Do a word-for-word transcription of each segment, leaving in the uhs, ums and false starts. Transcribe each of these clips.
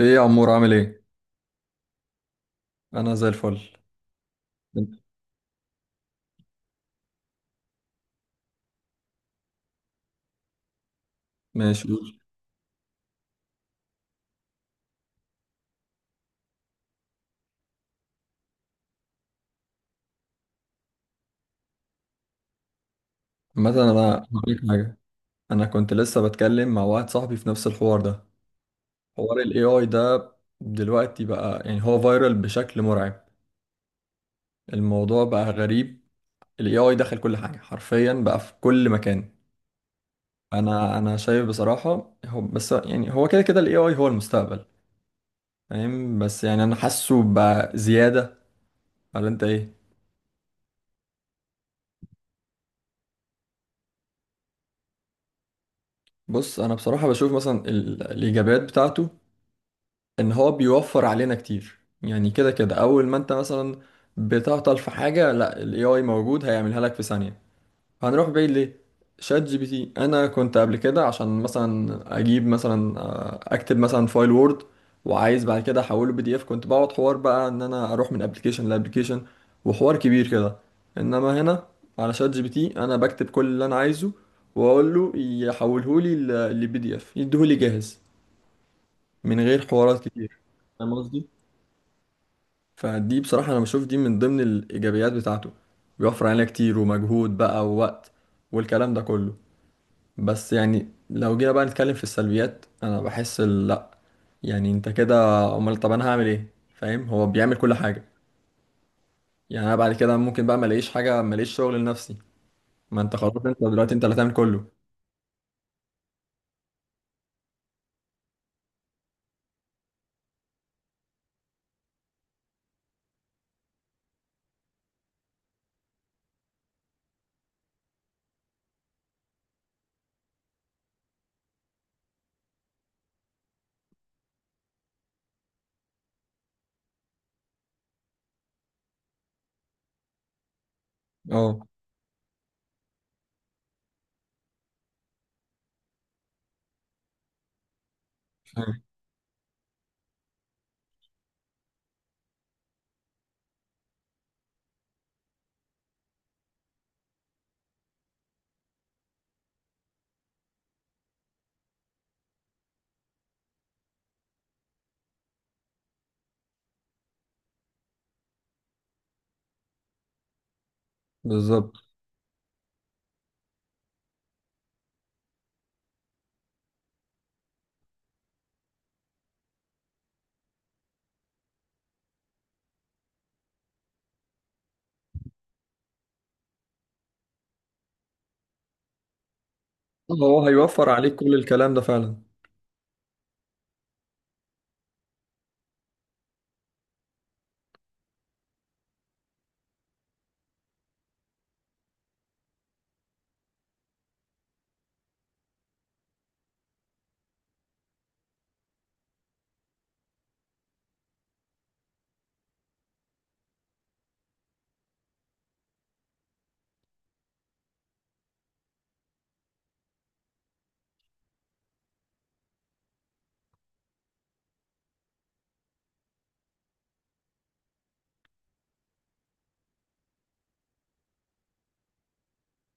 ايه يا عمور عامل ايه؟ انا زي الفل. ماشي قول. مثلا انا هقول لك حاجه. انا كنت لسه بتكلم مع واحد صاحبي في نفس الحوار ده، حوار الاي اي ده. دلوقتي بقى يعني هو فايرال بشكل مرعب. الموضوع بقى غريب. الاي اي دخل كل حاجه حرفيا بقى في كل مكان. انا انا شايف بصراحه، هو بس يعني هو كده كده الاي اي هو المستقبل، فاهم؟ بس يعني انا حاسه بقى زياده، ولا انت ايه؟ بص، انا بصراحه بشوف مثلا ال- الايجابيات بتاعته ان هو بيوفر علينا كتير. يعني كده كده اول ما انت مثلا بتعطل في حاجه، لا الاي اي موجود هيعملها لك في ثانيه. هنروح بعيد ليه؟ شات جي بي تي، انا كنت قبل كده عشان مثلا اجيب مثلا، آه، اكتب مثلا فايل وورد وعايز بعد كده احوله بي دي اف، كنت بقعد حوار بقى ان انا اروح من ابلكيشن لابلكيشن، وحوار كبير كده. انما هنا على شات جي بي تي انا بكتب كل اللي انا عايزه واقول له يحوله لي لبي دي اف، يديهولي جاهز من غير حوارات كتير. فدي بصراحة أنا بشوف دي من ضمن الإيجابيات بتاعته، بيوفر علينا كتير ومجهود بقى ووقت والكلام ده كله. بس يعني لو جينا بقى نتكلم في السلبيات، أنا بحس ال- لأ، يعني أنت كده، أمال طب أنا هعمل إيه؟ فاهم، هو بيعمل كل حاجة. يعني أنا بعد كده ممكن بقى ما الاقيش حاجة، ما الاقيش شغل لنفسي. ما أنت خلاص، أنت دلوقتي أنت اللي هتعمل كله. أه فاهم. بالظبط، آه، هو هيوفر عليك كل الكلام ده فعلا.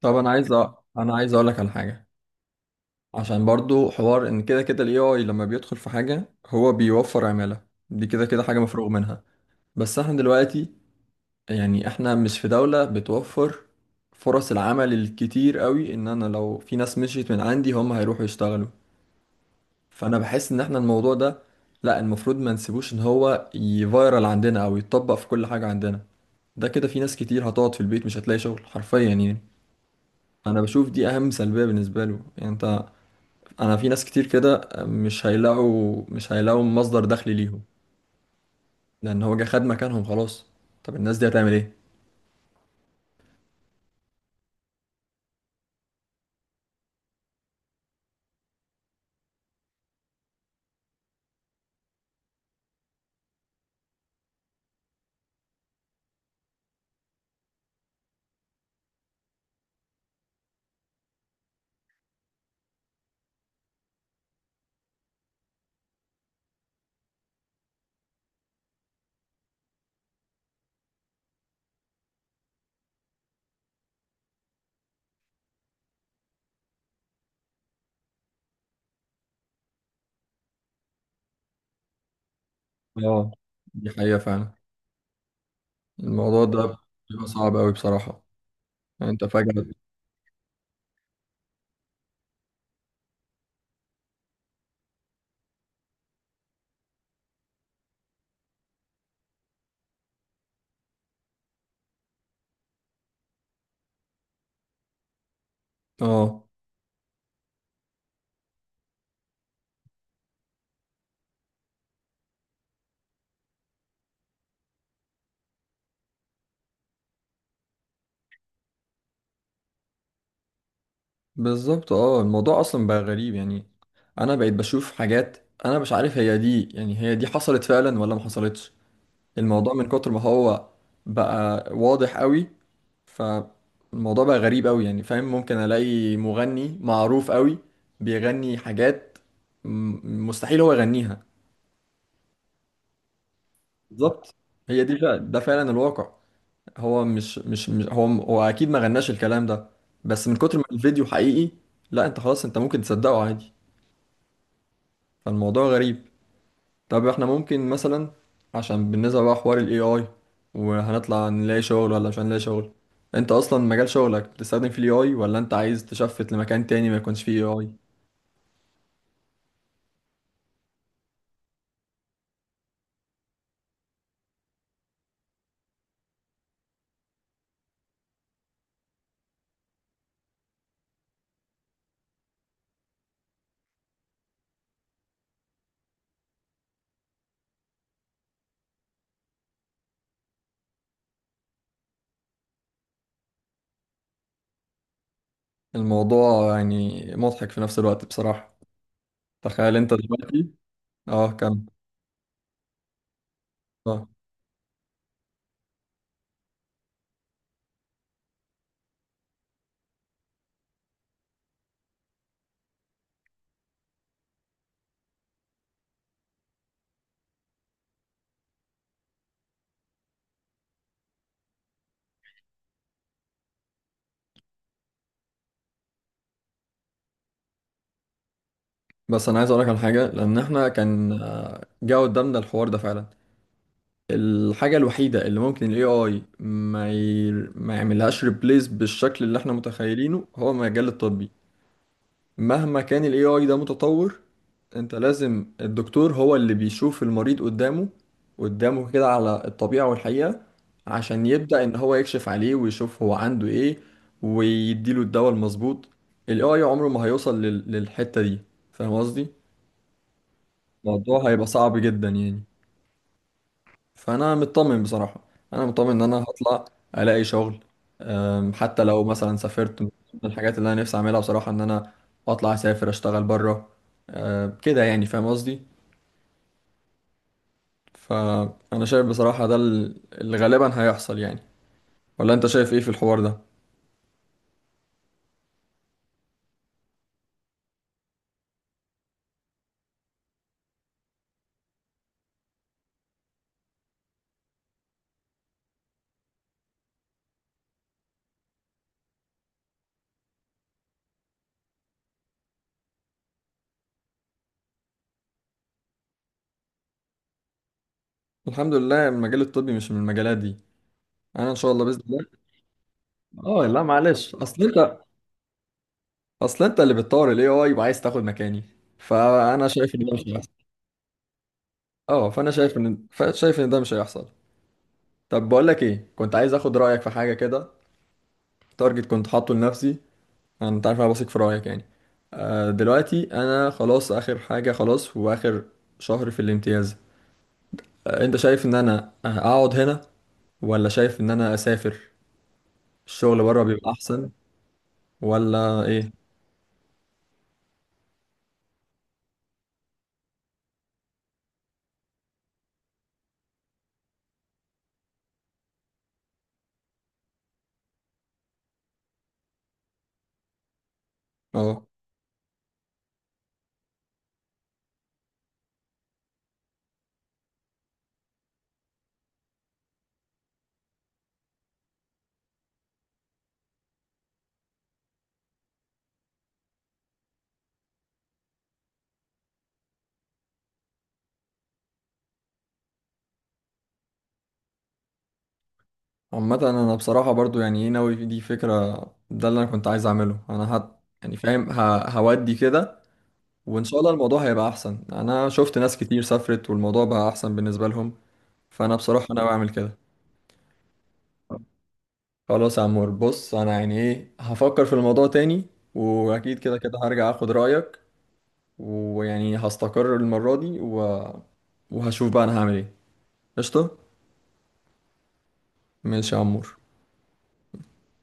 طب أنا عايز أ... أنا عايز أقول لك على حاجة. عشان برضو حوار ان كده كده الاي اي لما بيدخل في حاجة هو بيوفر عمالة، دي كده كده حاجة مفروغ منها. بس احنا دلوقتي، يعني احنا مش في دولة بتوفر فرص العمل الكتير قوي، ان انا لو في ناس مشيت من عندي هم هيروحوا يشتغلوا. فانا بحس ان احنا الموضوع ده، لا، المفروض ما نسيبوش ان هو يفايرال عندنا او يتطبق في كل حاجة عندنا. ده كده في ناس كتير هتقعد في البيت مش هتلاقي شغل حرفيا يعني. انا بشوف دي اهم سلبية بالنسبة له. يعني انت، انا في ناس كتير كده مش هيلاقوا مش هيلاقوا مصدر دخل ليهم، لان هو جه خد مكانهم خلاص. طب الناس دي هتعمل ايه؟ اه، دي حقيقة فعلا. الموضوع ده بيبقى صعب قوي بصراحة. يعني انت فجأة، اه بالظبط. اه، الموضوع اصلا بقى غريب يعني. انا بقيت بشوف حاجات انا مش عارف هي دي، يعني هي دي حصلت فعلا ولا ما حصلتش. الموضوع من كتر ما هو بقى واضح قوي. فالموضوع بقى غريب قوي يعني، فاهم؟ ممكن الاقي مغني معروف قوي بيغني حاجات م- مستحيل هو يغنيها. بالظبط، هي دي فعلا، ده فعلا الواقع. هو مش مش, مش هو هو اكيد ما غناش الكلام ده، بس من كتر ما الفيديو حقيقي، لا انت خلاص، انت ممكن تصدقه عادي. فالموضوع غريب. طب احنا ممكن مثلا، عشان بالنسبة بقى حوار ال إيه آي، وهنطلع نلاقي شغل ولا مش هنلاقي شغل؟ انت اصلا مجال شغلك بتستخدم فيه ال إيه آي، ولا انت عايز تشفت لمكان تاني ما يكونش فيه إيه آي؟ الموضوع يعني مضحك في نفس الوقت بصراحة. تخيل انت دلوقتي، اه كم. اه، بس انا عايز اقولك على حاجة، لان احنا كان آه، جه قدامنا الحوار ده فعلا. الحاجة الوحيدة اللي ممكن ال إيه آي ما, ي... ما يعملهاش ريبليس بالشكل اللي احنا متخيلينه هو المجال الطبي. مهما كان الاي اي ده متطور، انت لازم الدكتور هو اللي بيشوف المريض قدامه قدامه كده على الطبيعة والحقيقة، عشان يبدأ ان هو يكشف عليه ويشوف هو عنده ايه، ويديله الدواء المظبوط. الاي اي عمره ما هيوصل لل- للحتة دي، فاهم قصدي؟ الموضوع هيبقى صعب جدا يعني. فانا مطمن بصراحه، انا مطمن ان انا هطلع الاقي شغل. أم، حتى لو مثلا سافرت، من الحاجات اللي انا نفسي اعملها بصراحه ان انا اطلع اسافر اشتغل بره. أم، كده يعني، فاهم قصدي؟ فانا شايف بصراحه ده ال- اللي غالبا هيحصل يعني. ولا انت شايف ايه في الحوار ده؟ الحمد لله المجال الطبي مش من المجالات دي. انا ان شاء الله باذن الله. اه لا معلش، اصل انت اصل انت اللي بتطور الاي اي وعايز تاخد مكاني، فانا شايف ان ده مش هيحصل. اه، فانا شايف ان شايف ان ده مش هيحصل. طب بقول لك ايه، كنت عايز اخد رايك في حاجه كده. تارجت كنت حاطه لنفسي، انا، انت عارف انا واثق في رايك يعني. آه دلوقتي انا خلاص، اخر حاجه، خلاص واخر شهر في الامتياز. آه انت شايف ان انا آه، اقعد هنا، ولا شايف ان انا اسافر؟ الشغل بره بيبقى احسن ولا ايه؟ اه عامه، انا بصراحه برضو يعني ايه، ناوي دي فكره، ده اللي انا كنت عايز اعمله. انا هت يعني، فاهم، ه... هودي كده. وان شاء الله الموضوع هيبقى احسن، انا شفت ناس كتير سافرت والموضوع بقى احسن بالنسبه لهم. فانا بصراحه انا بعمل كده. خلاص يا عمور، بص انا يعني ايه، هفكر في الموضوع تاني، واكيد كده كده هرجع اخد رايك. ويعني هستقر المره دي و... وهشوف بقى انا هعمل ايه. قشطه. ماشي يا عمور.